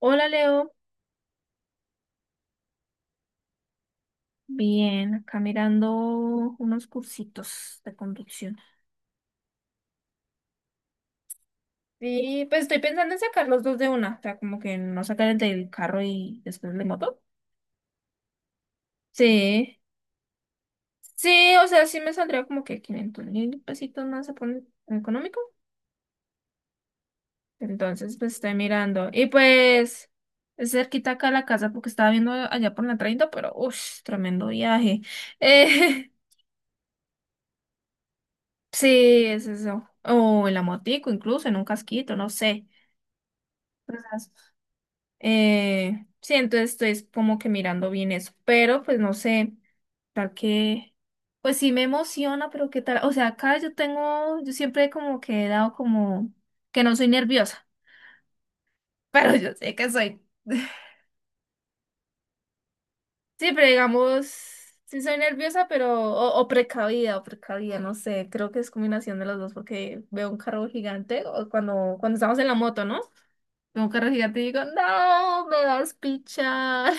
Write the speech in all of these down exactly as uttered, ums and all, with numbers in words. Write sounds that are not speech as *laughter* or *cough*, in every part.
Hola Leo, bien, acá mirando unos cursitos de conducción. Sí, pues estoy pensando en sacar los dos de una, o sea, como que no sacar el del carro y después el de moto. Sí, sí, o sea, sí me saldría como que quinientos mil pesitos más se pone económico. Entonces, pues estoy mirando. Y pues es cerquita acá la casa porque estaba viendo allá por la treinta, pero uff, tremendo viaje. Eh, *laughs* sí, es eso. O en la motico, incluso en un casquito, no sé. Cosas. Eh, sí, entonces estoy como que mirando bien eso, pero pues no sé, tal que, pues sí me emociona, pero qué tal, o sea, acá yo tengo, yo siempre como que he dado como que no soy nerviosa, *laughs* pero yo sé que soy. *laughs* Sí, pero digamos, sí soy nerviosa, pero, o, o precavida, o precavida, no sé, creo que es combinación de los dos, porque veo un carro gigante, o cuando, cuando estamos en la moto, ¿no? Veo un carro gigante y digo, no, me vas a pichar.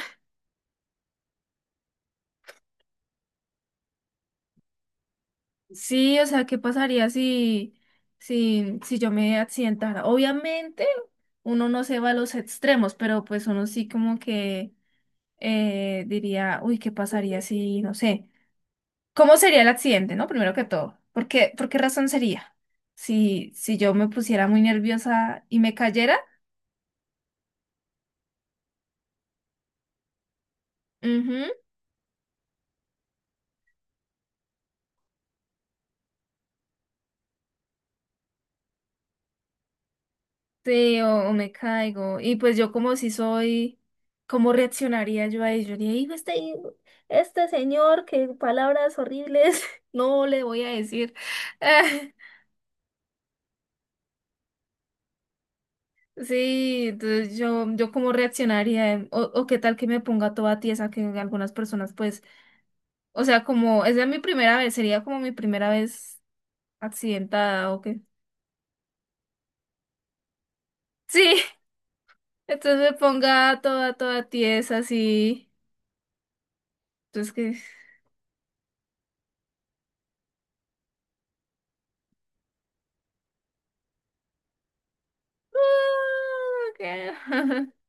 Sí, o sea, ¿qué pasaría si, si, si yo me accidentara? Obviamente, uno no se va a los extremos, pero pues uno sí como que eh, diría, uy, ¿qué pasaría si, no sé, cómo sería el accidente, ¿no? Primero que todo, ¿por qué, por qué razón sería? Si, si yo me pusiera muy nerviosa y me cayera, ujú. Sí, o, o me caigo. Y pues yo como si soy, ¿cómo reaccionaría yo a ello? Diría, "Hijo, este, este señor, qué palabras horribles, *laughs* no le voy a decir. *laughs* Sí, entonces yo, yo cómo reaccionaría, o, o qué tal que me ponga toda tiesa, que algunas personas pues, o sea, como, esa es mi primera vez, sería como mi primera vez accidentada, o qué. Sí, *laughs* entonces me ponga toda, toda tiesa, así, entonces que... *laughs* Ah, ok. *laughs*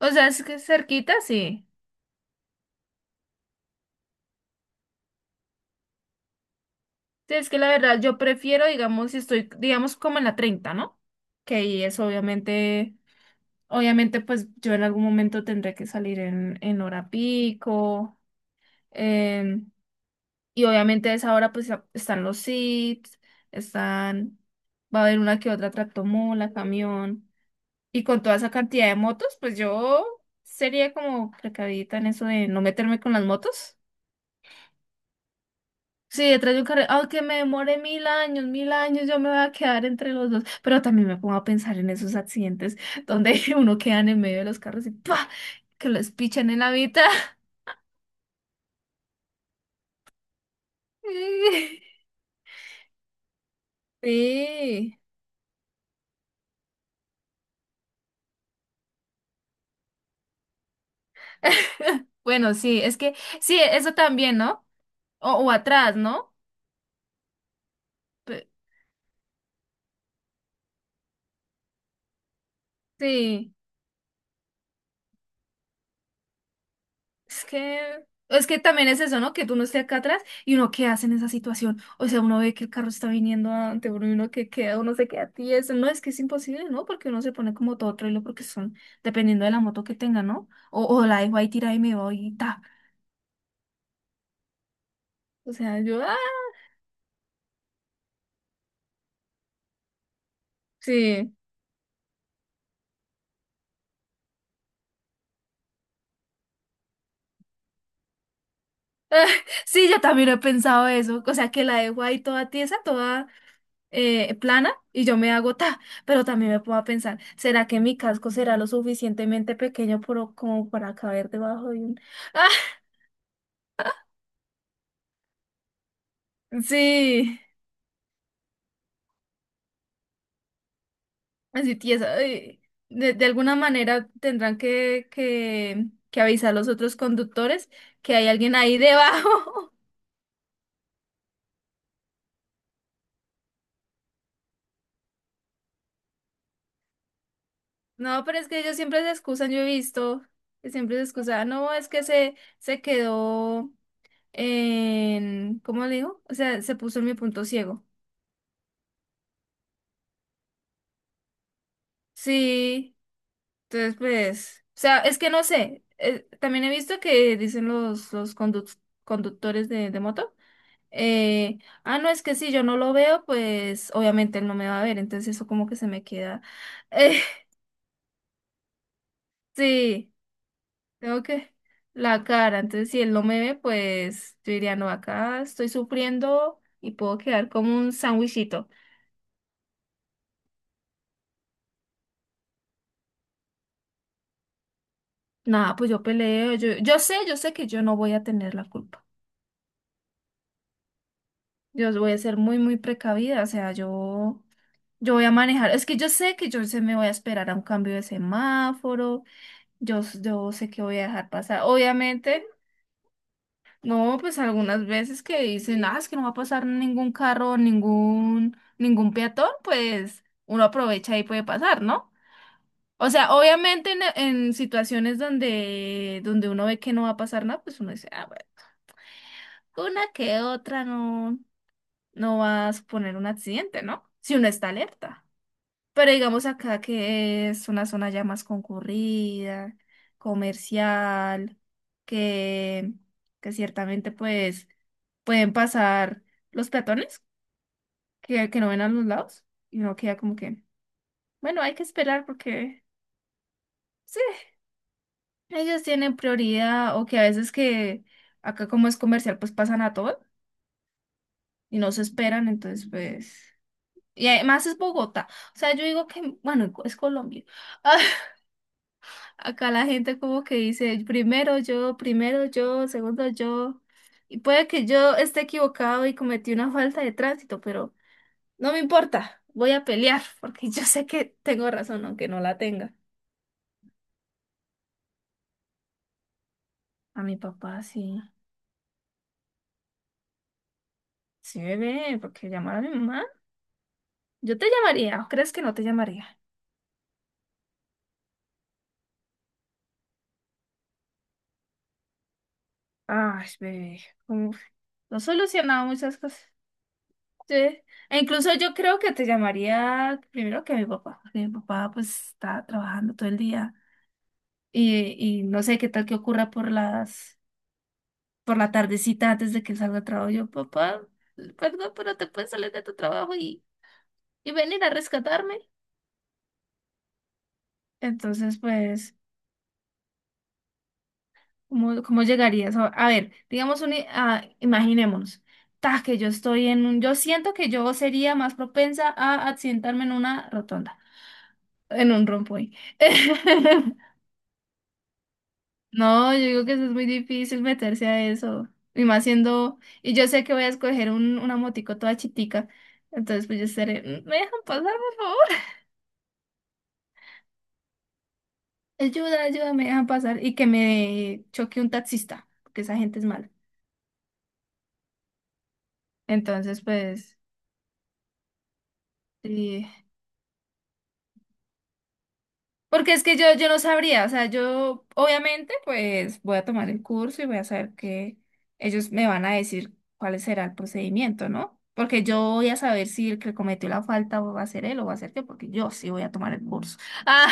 O sea, es que cerquita, sí. Sí, es que la verdad yo prefiero, digamos, si estoy, digamos, como en la treinta, ¿no? Que ahí es obviamente, obviamente, pues yo en algún momento tendré que salir en, en, hora pico. em, y obviamente a esa hora, pues a- están los S I Ts, están, va a haber una que otra tractomola, camión. Y con toda esa cantidad de motos, pues yo sería como precavida en eso de no meterme con las motos. Sí, detrás de un carril, aunque me demore mil años, mil años, yo me voy a quedar entre los dos. Pero también me pongo a pensar en esos accidentes donde *laughs* uno queda en el medio de los carros y ¡pa! Que los pichan en la mitad. *laughs* Sí. *laughs* Bueno, sí, es que sí, eso también, ¿no? O, o atrás, ¿no? Pe- Sí. Es que, es que también es eso, ¿no? Que tú no estés acá atrás y uno qué hace en esa situación. O sea, uno ve que el carro está viniendo ante uno y uno que queda, uno se queda a ti. Eso no, es que es imposible, ¿no? Porque uno se pone como todo trailer porque son, dependiendo de la moto que tenga, ¿no? O, o la dejo ahí tirada y me voy y ta. O sea, yo, ah, sí. Sí, yo también he pensado eso. O sea, que la dejo ahí toda tiesa, toda eh, plana y yo me hago ta. Pero también me puedo pensar, ¿será que mi casco será lo suficientemente pequeño por, como para caber debajo de un... Sí, así tiesa. Ay, De, de alguna manera tendrán que, que, que, avisar a los otros conductores que hay alguien ahí debajo. *laughs* No, pero es que ellos siempre se excusan, yo he visto que siempre se excusan. No, es que se, se quedó en, ¿cómo le digo? O sea, se puso en mi punto ciego. Sí, entonces pues, o sea, es que no sé. Eh, también he visto que dicen los, los conduc- conductores de, de moto. Eh, ah, no, es que si yo no lo veo, pues obviamente él no me va a ver, entonces eso como que se me queda. *laughs* eh, sí, tengo que la cara, entonces si él no me ve, pues yo diría, no, acá estoy sufriendo y puedo quedar como un sándwichito. Nada, pues yo peleo, yo, yo sé, yo sé que yo no voy a tener la culpa. Yo voy a ser muy, muy precavida, o sea, yo, yo voy a manejar, es que yo sé que yo se me voy a esperar a un cambio de semáforo. Yo, s- yo sé que voy a dejar pasar. Obviamente, no, pues algunas veces que dicen, ah, es que no va a pasar ningún carro, ningún, ningún peatón, pues uno aprovecha y puede pasar, ¿no? O sea, obviamente en, en situaciones donde, donde uno ve que no va a pasar nada, pues uno dice, ah, bueno, una que otra no, no va a suponer un accidente, ¿no? Si uno está alerta. Pero digamos acá que es una zona ya más concurrida, comercial, que, que ciertamente pues pueden pasar los peatones que, que no ven a los lados y uno queda como que, bueno, hay que esperar porque sí, ellos tienen prioridad o que a veces que acá como es comercial pues pasan a todo y no se esperan, entonces pues... Y además es Bogotá. O sea, yo digo que, bueno, es Colombia. *laughs* Acá la gente como que dice, primero yo, primero yo, segundo yo. Y puede que yo esté equivocado y cometí una falta de tránsito, pero no me importa, voy a pelear porque yo sé que tengo razón, aunque no la tenga. A mi papá sí. Sí, bebé, ¿por qué llamar a mi mamá? Yo te llamaría, ¿o crees que no te llamaría? Ay, bebé, como no he solucionado muchas cosas. Sí. E incluso yo creo que te llamaría primero que mi papá, porque mi papá pues está trabajando todo el día y, y no sé qué tal que ocurra por las, por la tardecita antes de que él salga de trabajo. Yo, papá, perdón, pero te puedes salir de tu trabajo y... ¿Y venir a rescatarme? Entonces, pues, ¿cómo, cómo llegarías? A a ver, digamos, un, ah, imaginémonos, ta, que yo estoy en un, yo siento que yo sería más propensa a accidentarme en una rotonda, en un rompoy. *laughs* No, yo digo que eso es muy difícil meterse a eso. Y más siendo, y yo sé que voy a escoger un, una motico toda chitica. Entonces, pues yo estaré, "Mm, ¿me dejan pasar, por favor? *laughs* Ayuda, ayuda, me dejan pasar. Y que me choque un taxista, porque esa gente es mala. Entonces, pues, sí. Porque es que yo, yo no sabría, o sea, yo obviamente pues voy a tomar el curso y voy a saber que ellos me van a decir cuál será el procedimiento, ¿no? Porque yo voy a saber si el que cometió la falta va a ser él o va a ser yo, porque yo sí voy a tomar el curso. Ah,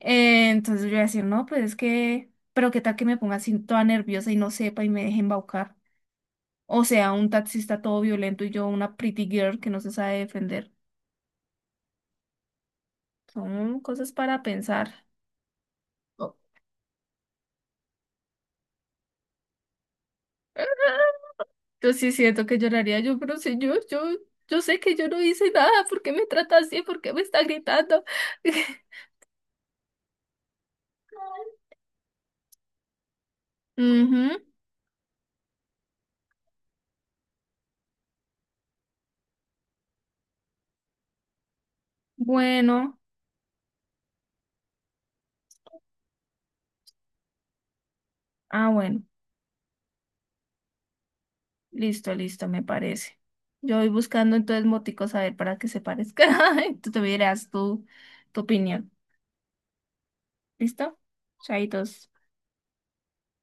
eh, entonces yo voy a decir, no, pues es que, pero qué tal que me ponga así toda nerviosa y no sepa y me deje embaucar. O sea, un taxista todo violento y yo una pretty girl que no se sabe defender. Son cosas para pensar. Yo sí siento que lloraría yo, pero si yo, yo, yo sé que yo no hice nada, ¿por qué me trata así? ¿Por qué me está gritando? *laughs* Ujú, bueno, ah, bueno, listo, listo, me parece. Yo voy buscando entonces moticos a ver para que se parezca. *laughs* Tú te dirás tu, tu, opinión. ¿Listo? Chaitos.